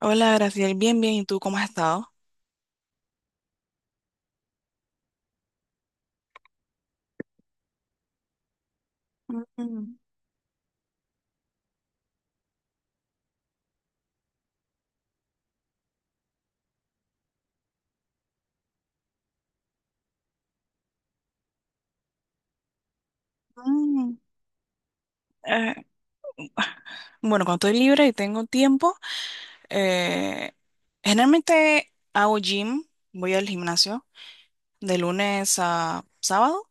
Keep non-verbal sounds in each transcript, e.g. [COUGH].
Hola, Graciela. Bien, bien. ¿Y tú cómo has estado? Mm, mm. Eh, bueno, cuando estoy libre y tengo tiempo, eh, generalmente hago gym, voy al gimnasio de lunes a sábado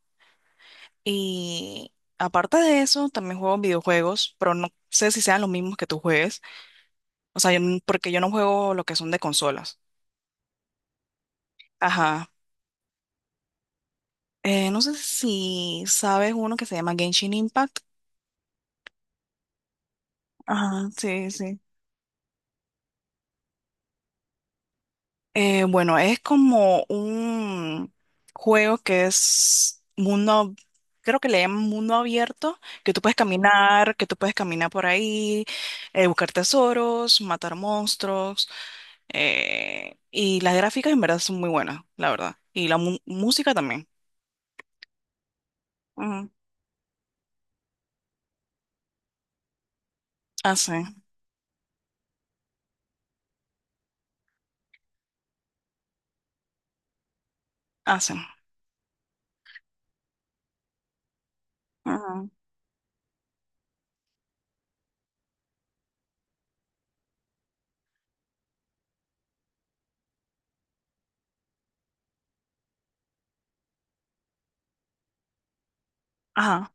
y aparte de eso también juego videojuegos, pero no sé si sean los mismos que tú juegues, o sea, porque yo no juego lo que son de consolas. Ajá. No sé si sabes uno que se llama Genshin Impact. Ajá, sí, sí. Bueno, es como un juego que es mundo, creo que le llaman mundo abierto, que tú puedes caminar por ahí, buscar tesoros, matar monstruos, y las gráficas en verdad son muy buenas, la verdad, y la música también. Ujú. Hace, hace. Ujú. Ajá.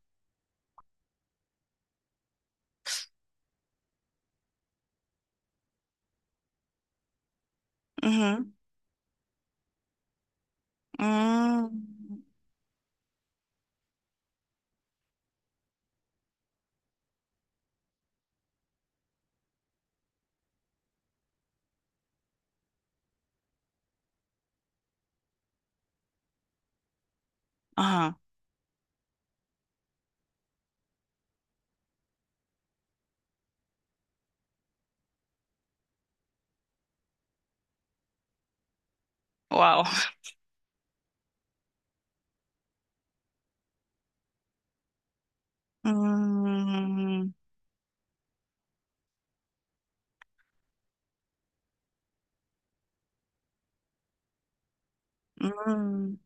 Ujú. Mm. Ajá. Wow. [LAUGHS] Mm, mm,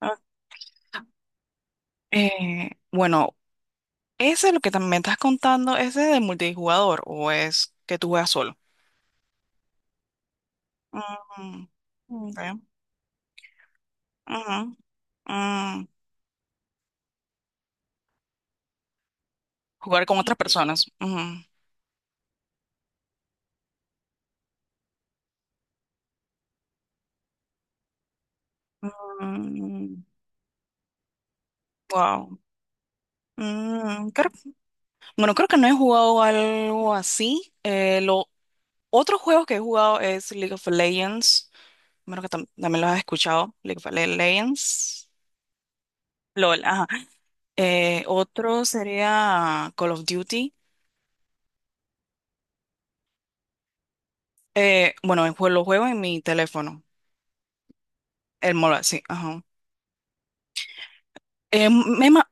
ok. Bueno, ese lo que tam- me estás contando, ese es de multijugador o es que tú juegas solo. Mm, ok. Ujú. Mm, jugar con otras personas. Ujú. Mm, wow. Mm, creo- bueno, creo que no he jugado algo así. Lo otro juego que he jugado es League of Legends. Bueno, que también lo has escuchado. Legends. LOL, ajá. Otro sería Call of Duty. Bueno, lo juego en mi teléfono, el MOBA, sí, ajá. Eh, me ma-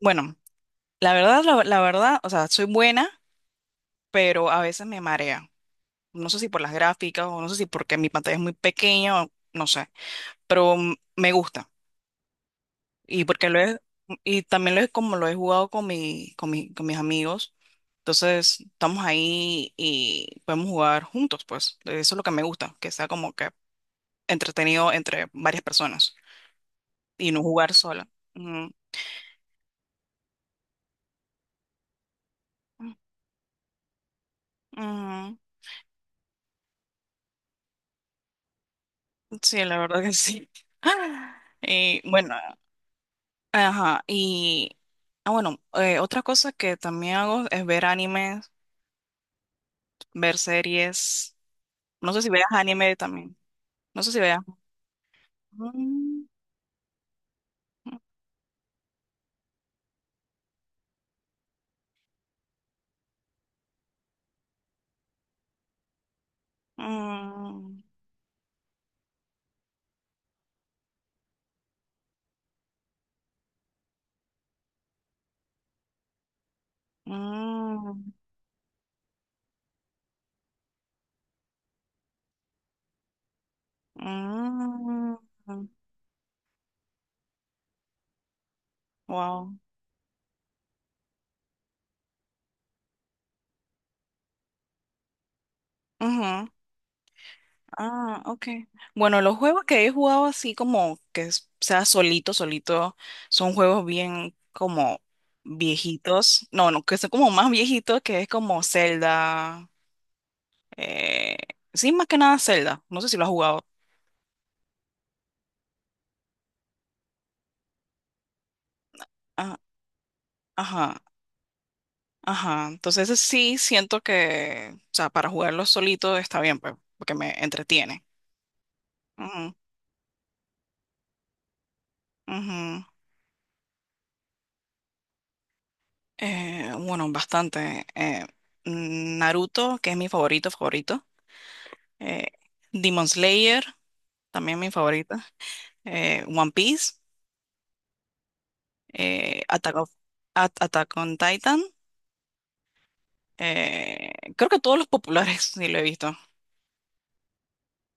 bueno, la verdad, la verdad, o sea, soy buena, pero a veces me marea. No sé si por las gráficas o no sé si porque mi pantalla es muy pequeña, o no sé, pero me gusta. Y porque lo he- y también lo he, como lo he jugado con mis amigos. Entonces, estamos ahí y podemos jugar juntos, pues. Eso es lo que me gusta, que sea como que entretenido entre varias personas y no jugar sola. Ujú. Ujú. Sí, la verdad que sí. [LAUGHS] Y bueno, ajá. Y bueno, otra cosa que también hago es ver animes, ver series. No sé si veas anime también. No sé si veas. Mm, mm, mm, mm, wow. Ah, ok. Bueno, los juegos que he jugado así como que sea solito, solito, son juegos bien como viejitos. No, no, que son como más viejitos, que es como Zelda. Eh, sí, más que nada Zelda. No sé si lo has jugado. Ah, ajá, ajá. Entonces ese sí siento que, o sea, para jugarlo solito está bien, pues, porque me entretiene. Ujú, ujú. Bueno, bastante. Naruto, que es mi favorito, favorito. eh, Demon Slayer, también mi favorita, One Piece, eh, Attack of- Attack on Titan, creo que todos los populares [LAUGHS] sí lo he visto.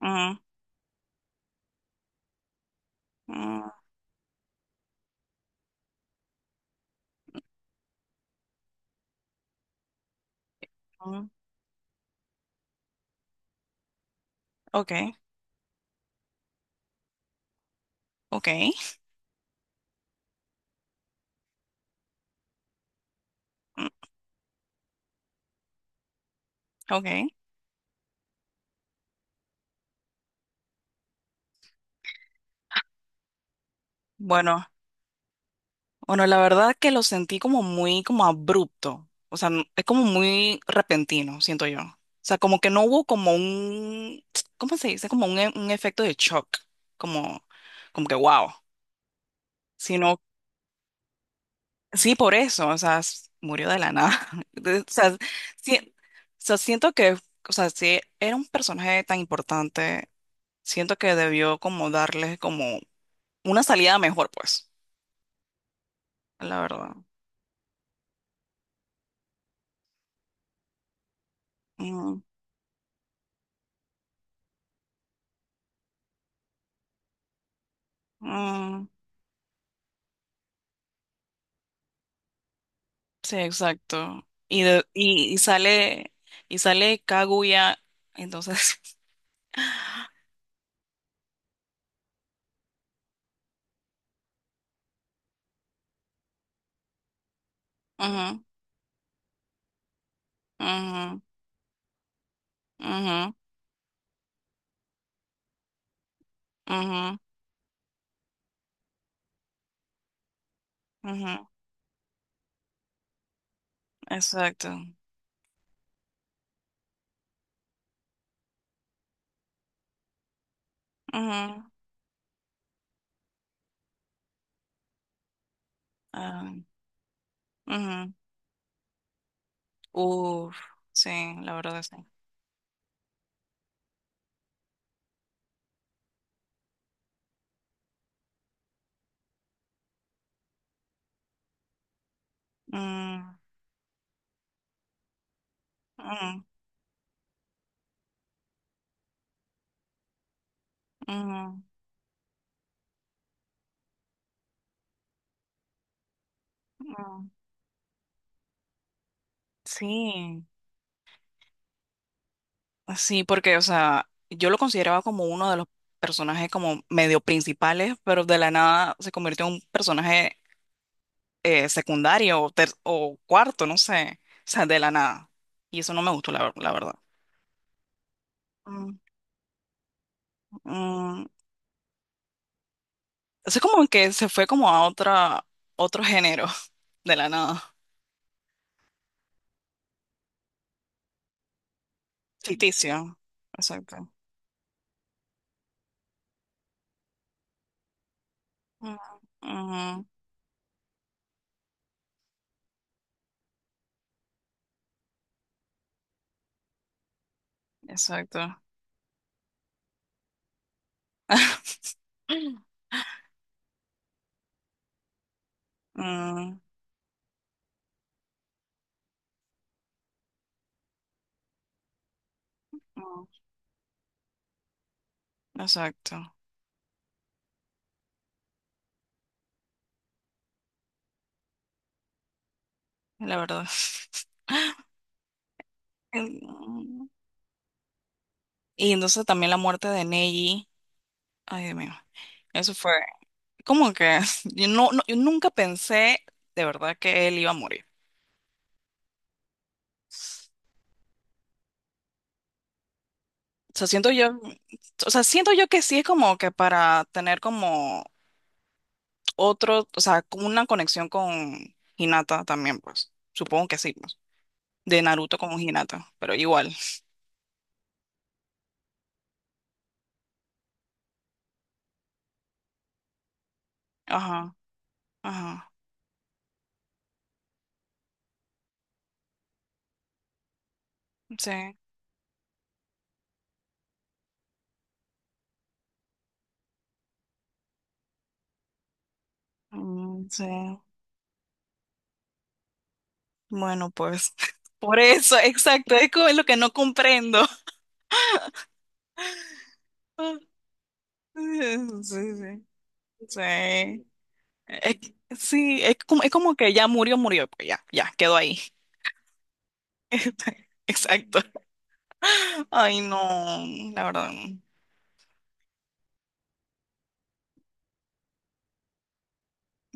Ujú, ujú, ok, ok, mm, ok. Bueno, bueno, la verdad que lo sentí como muy como abrupto, o sea, es como muy repentino, siento yo. O sea, como que no hubo como un, ¿cómo se dice? Como un, un efecto de shock, como, como que wow, sino sí, por eso, o sea, murió de la nada. [LAUGHS] Entonces, o sea, sí, o sea, siento que, o sea, si era un personaje tan importante, siento que debió como darle como una salida mejor, pues, la verdad. Mm, mm, sí, exacto. Y sale Kaguya, entonces, [LAUGHS] ujú, ujú, ujú, ujú, ujú, exacto. Ujú, ah, ujú. Uf, sí, la verdad es sí. Mm, mm, mm, mm. Sí, sí, porque, o sea, yo lo consideraba como uno de los personajes como medio principales, pero de la nada se convirtió en un personaje secundario o cuarto, no sé, o sea, de la nada. Y eso no me gustó, la verdad. Mm, mm. Es como que se fue como a otra, otro género, [LAUGHS] de la nada, ficticio. Exacto. Mm, ujú, exacto. [LAUGHS] Mm, mm, exacto, la verdad. [LAUGHS] Mm, y entonces también la muerte de Neji. Ay, Dios mío. Eso fue como que [LAUGHS] yo, yo nunca pensé de verdad que él iba a morir. O sea, siento yo, o sea, siento yo que sí es como que para tener como otro, o sea, como una conexión con Hinata también, pues. Supongo que sí, pues. De Naruto con Hinata, pero igual. Ajá, ajá. Sí. Mm, sí. Bueno, pues [LAUGHS] por eso, exacto, es como lo que no comprendo. [LAUGHS] Sí, sí, sí. Es, sí, es como que ya murió, murió, pues ya, ya, quedó ahí. [LAUGHS] Exacto. Ay, no, la verdad.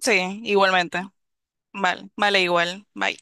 Sí, igualmente. Vale, vale, igual. Bye.